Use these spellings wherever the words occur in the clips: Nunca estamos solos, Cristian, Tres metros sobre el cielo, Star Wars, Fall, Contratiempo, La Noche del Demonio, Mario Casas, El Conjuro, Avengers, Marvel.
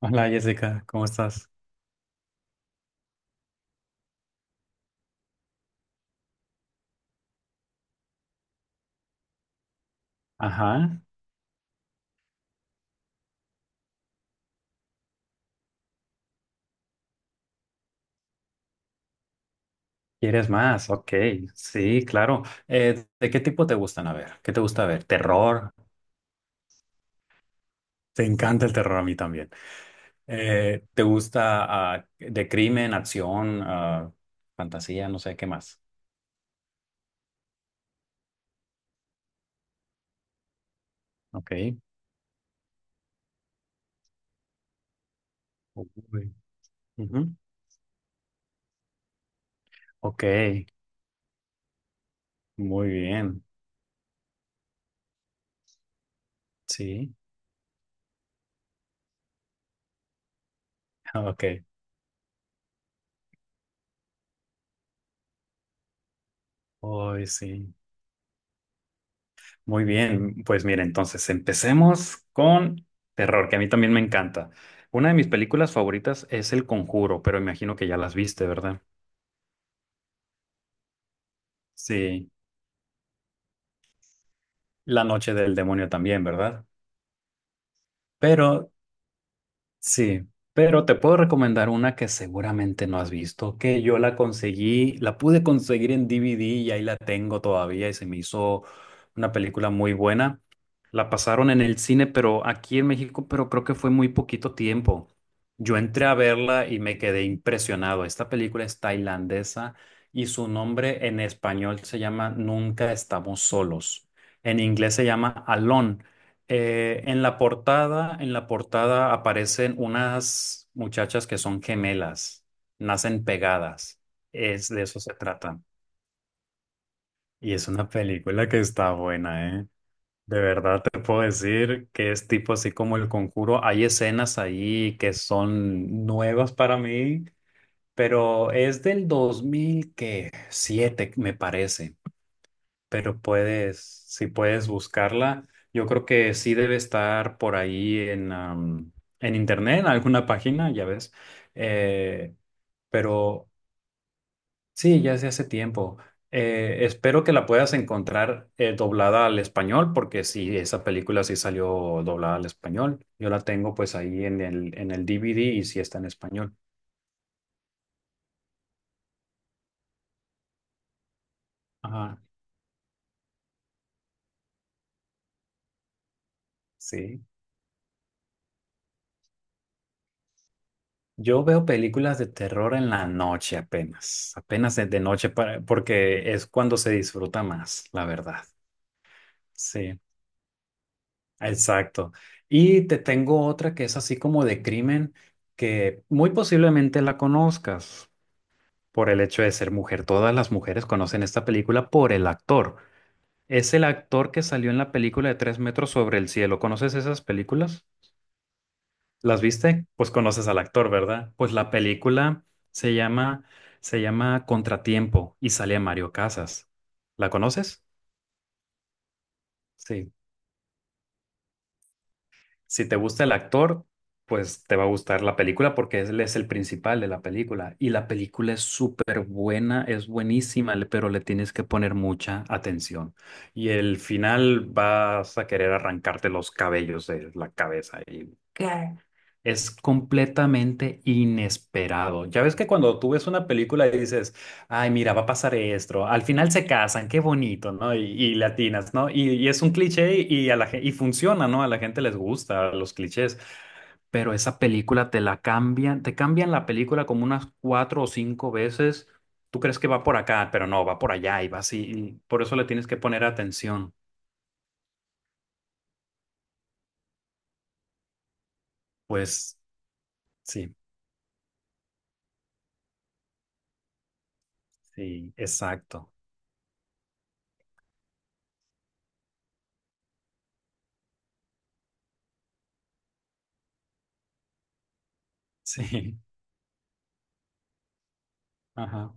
Hola Jessica, ¿cómo estás? Ajá, ¿quieres más? Ok, sí, claro. ¿De qué tipo te gustan? A ver, ¿qué te gusta ver? ¿Terror? Te encanta el terror, a mí también. ¿Te gusta de crimen, acción, fantasía, no sé qué más? Ok. Uy, ujú. Ok, muy bien. Sí, ok. Hoy sí. Muy bien, pues mira, entonces empecemos con terror, que a mí también me encanta. Una de mis películas favoritas es El Conjuro, pero imagino que ya las viste, ¿verdad? Sí, La Noche del Demonio también, ¿verdad? Pero sí, pero te puedo recomendar una que seguramente no has visto, que yo la conseguí, la pude conseguir en DVD, y ahí la tengo todavía y se me hizo una película muy buena. La pasaron en el cine, pero aquí en México, pero creo que fue muy poquito tiempo. Yo entré a verla y me quedé impresionado. Esta película es tailandesa y su nombre en español se llama Nunca estamos solos. En inglés se llama Alone, en la portada aparecen unas muchachas que son gemelas, nacen pegadas. Es de eso se trata. Y es una película que está buena, ¿eh? De verdad te puedo decir que es tipo así como El Conjuro. Hay escenas ahí que son nuevas para mí, pero es del dos mil siete, me parece. Pero puedes, si puedes buscarla, yo creo que sí debe estar por ahí en, en internet, en alguna página, ya ves. Eh, pero sí, ya se hace tiempo. Espero que la puedas encontrar doblada al español, porque sí, esa película sí salió doblada al español. Yo la tengo pues ahí en el DVD, y sí está en español. Ajá, sí. Yo veo películas de terror en la noche apenas, apenas de noche para- porque es cuando se disfruta más, la verdad. Sí, exacto. Y te tengo otra que es así como de crimen que muy posiblemente la conozcas por el hecho de ser mujer. Todas las mujeres conocen esta película por el actor. Es el actor que salió en la película de Tres metros sobre el cielo. ¿Conoces esas películas? ¿Las viste? Pues conoces al actor, ¿verdad? Pues la película se llama, se llama Contratiempo y sale Mario Casas. ¿La conoces? Sí. Si te gusta el actor, pues te va a gustar la película porque él es el principal de la película. Y la película es súper buena, es buenísima, le- pero le tienes que poner mucha atención. Y el final vas a querer arrancarte los cabellos de la cabeza. Y claro, es completamente inesperado. Ya ves que cuando tú ves una película y dices, ay, mira, va a pasar esto. Al final se casan, qué bonito, ¿no? Y latinas, ¿no? Y es un cliché y, a la, gen- y funciona, ¿no? A la gente les gusta los clichés, pero esa película te la cambian, te cambian la película como unas cuatro o cinco veces. Tú crees que va por acá, pero no, va por allá y va así. Y por eso le tienes que poner atención. Pues sí, sí, exacto. Sí, ajá,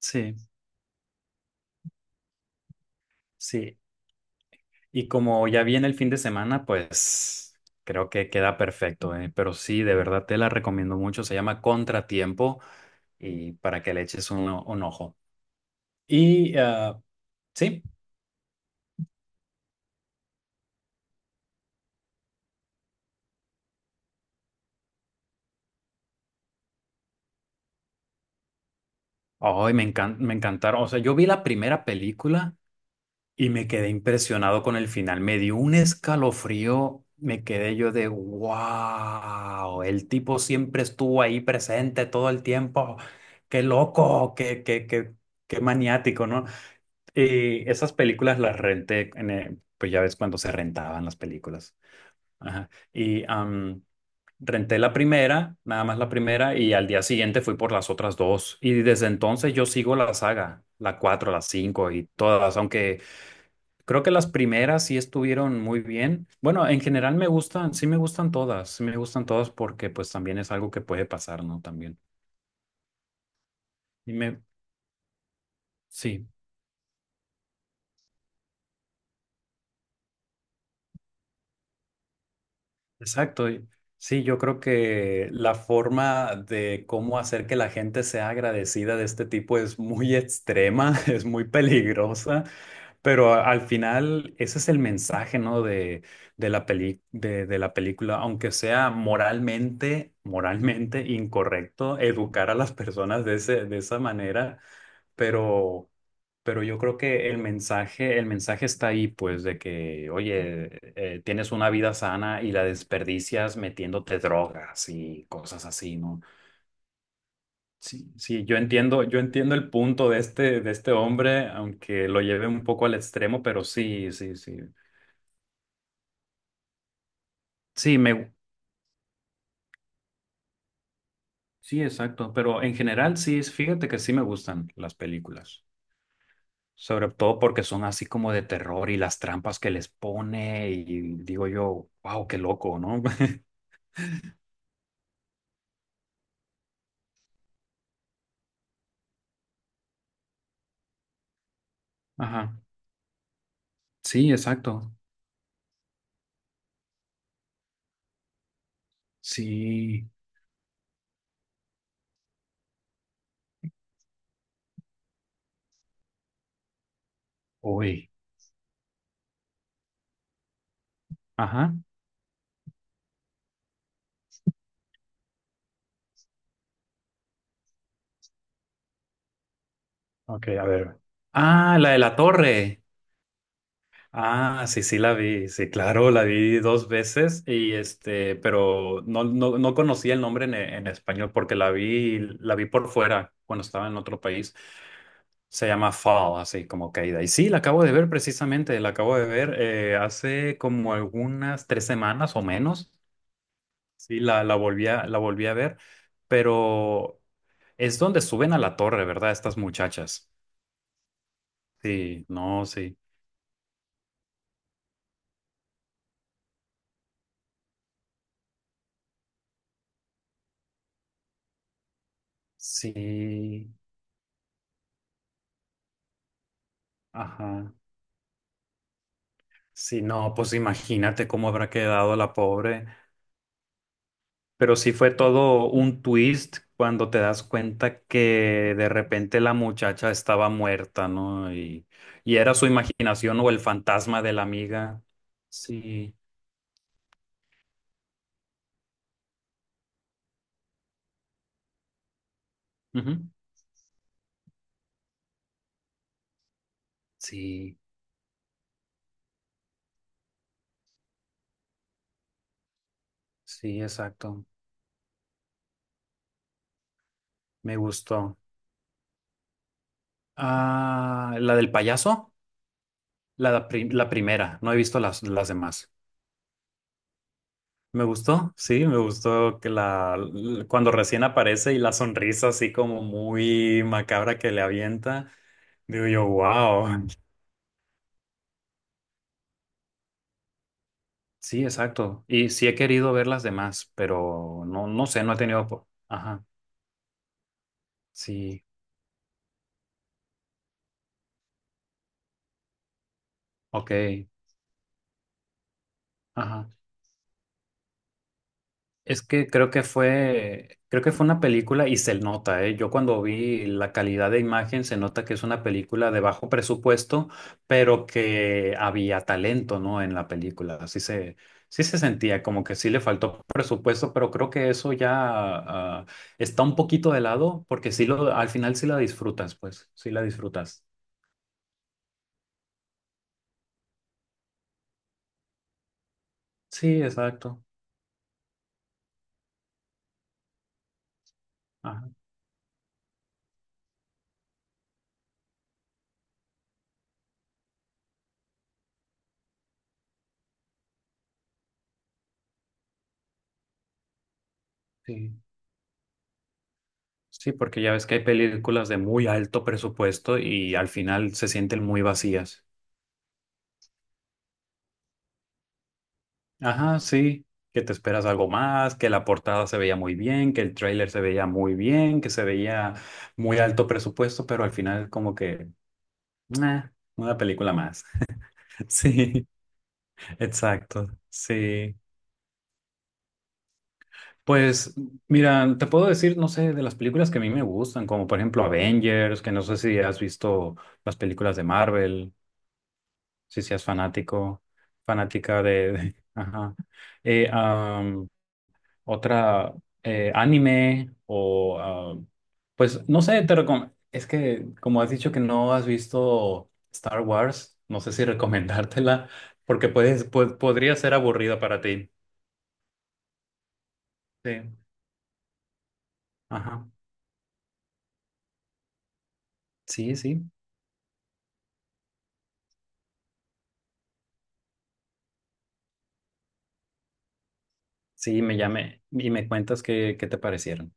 sí. Sí, y como ya viene el fin de semana, pues creo que queda perfecto, ¿eh? Pero sí, de verdad te la recomiendo mucho. Se llama Contratiempo y para que le eches un, o- un ojo. Y sí, ay, me encan- me encantaron. O sea, yo vi la primera película y me quedé impresionado con el final. Me dio un escalofrío. Me quedé yo de wow, el tipo siempre estuvo ahí presente todo el tiempo. Qué loco, qué, qué, qué, qué maniático, ¿no? Y esas películas las renté, en, pues ya ves cuando se rentaban las películas. Ajá. Y renté la primera, nada más la primera, y al día siguiente fui por las otras dos. Y desde entonces yo sigo la saga, la cuatro, la cinco y todas, aunque creo que las primeras sí estuvieron muy bien. Bueno, en general me gustan, sí me gustan todas, sí me gustan todas porque pues también es algo que puede pasar, ¿no? También. Y me, sí. Exacto. Y- sí, yo creo que la forma de cómo hacer que la gente sea agradecida de este tipo es muy extrema, es muy peligrosa, pero a- al final ese es el mensaje, ¿no? De la peli- de la película, aunque sea moralmente, moralmente incorrecto educar a las personas de ese, de esa manera. pero, pero yo creo que el mensaje está ahí, pues, de que, oye, tienes una vida sana y la desperdicias metiéndote drogas y cosas así, ¿no? Sí, sí, yo entiendo el punto de este hombre, aunque lo lleve un poco al extremo, pero sí, sí, sí. Sí, me, sí, exacto, pero en general sí, fíjate que sí me gustan las películas. Sobre todo porque son así como de terror y las trampas que les pone y digo yo, wow, qué loco, ¿no? Ajá. Sí, exacto. Sí. Uy. Ajá. Ok, a ver. Ah, la de la torre. Ah, sí, sí la vi. Sí, claro, la vi dos veces y este, pero no, no, no conocía el nombre en español porque la vi por fuera cuando estaba en otro país. Se llama Fall, así como caída. Y sí, la acabo de ver precisamente, la acabo de ver hace como algunas tres semanas o menos. Sí, la, la volví a ver, pero es donde suben a la torre, ¿verdad? Estas muchachas. Sí, no, sí. Sí, ajá. Sí, no, pues imagínate cómo habrá quedado la pobre. Pero sí fue todo un twist cuando te das cuenta que de repente la muchacha estaba muerta, ¿no? Y era su imaginación o el fantasma de la amiga. Sí. Ujú. Sí, sí, exacto. Me gustó. Ah, la del payaso, la, pri- la primera. No he visto las demás. Me gustó, sí, me gustó que la l- cuando recién aparece y la sonrisa así como muy macabra que le avienta. Digo yo, wow. Sí, exacto. Y sí he querido ver las demás, pero no, no sé, no he tenido... po- Ajá, sí, ok, ajá. Es que creo que fue una película y se nota, ¿eh? Yo cuando vi la calidad de imagen se nota que es una película de bajo presupuesto, pero que había talento, ¿no? En la película. Así se, sí se sentía como que sí le faltó presupuesto, pero creo que eso ya está un poquito de lado porque sí lo, al final sí la disfrutas, pues, sí la disfrutas. Sí, exacto. Ajá, sí. Sí, porque ya ves que hay películas de muy alto presupuesto y al final se sienten muy vacías. Ajá, sí, que te esperas algo más, que la portada se veía muy bien, que el tráiler se veía muy bien, que se veía muy alto presupuesto, pero al final como que, "Meh, una película más". Sí, exacto, sí. Pues mira, te puedo decir, no sé, de las películas que a mí me gustan, como por ejemplo Avengers, que no sé si has visto las películas de Marvel. Si seas fanático, fanática de- ajá. Eh, am, otra anime o pues no sé, te recom- es que como has dicho que no has visto Star Wars, no sé si recomendártela porque puedes pu- podría ser aburrida para ti. Sí. Ajá. Sí, sí. Sí, me llame y me cuentas qué, qué te parecieron.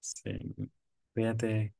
Sí. Cuídate.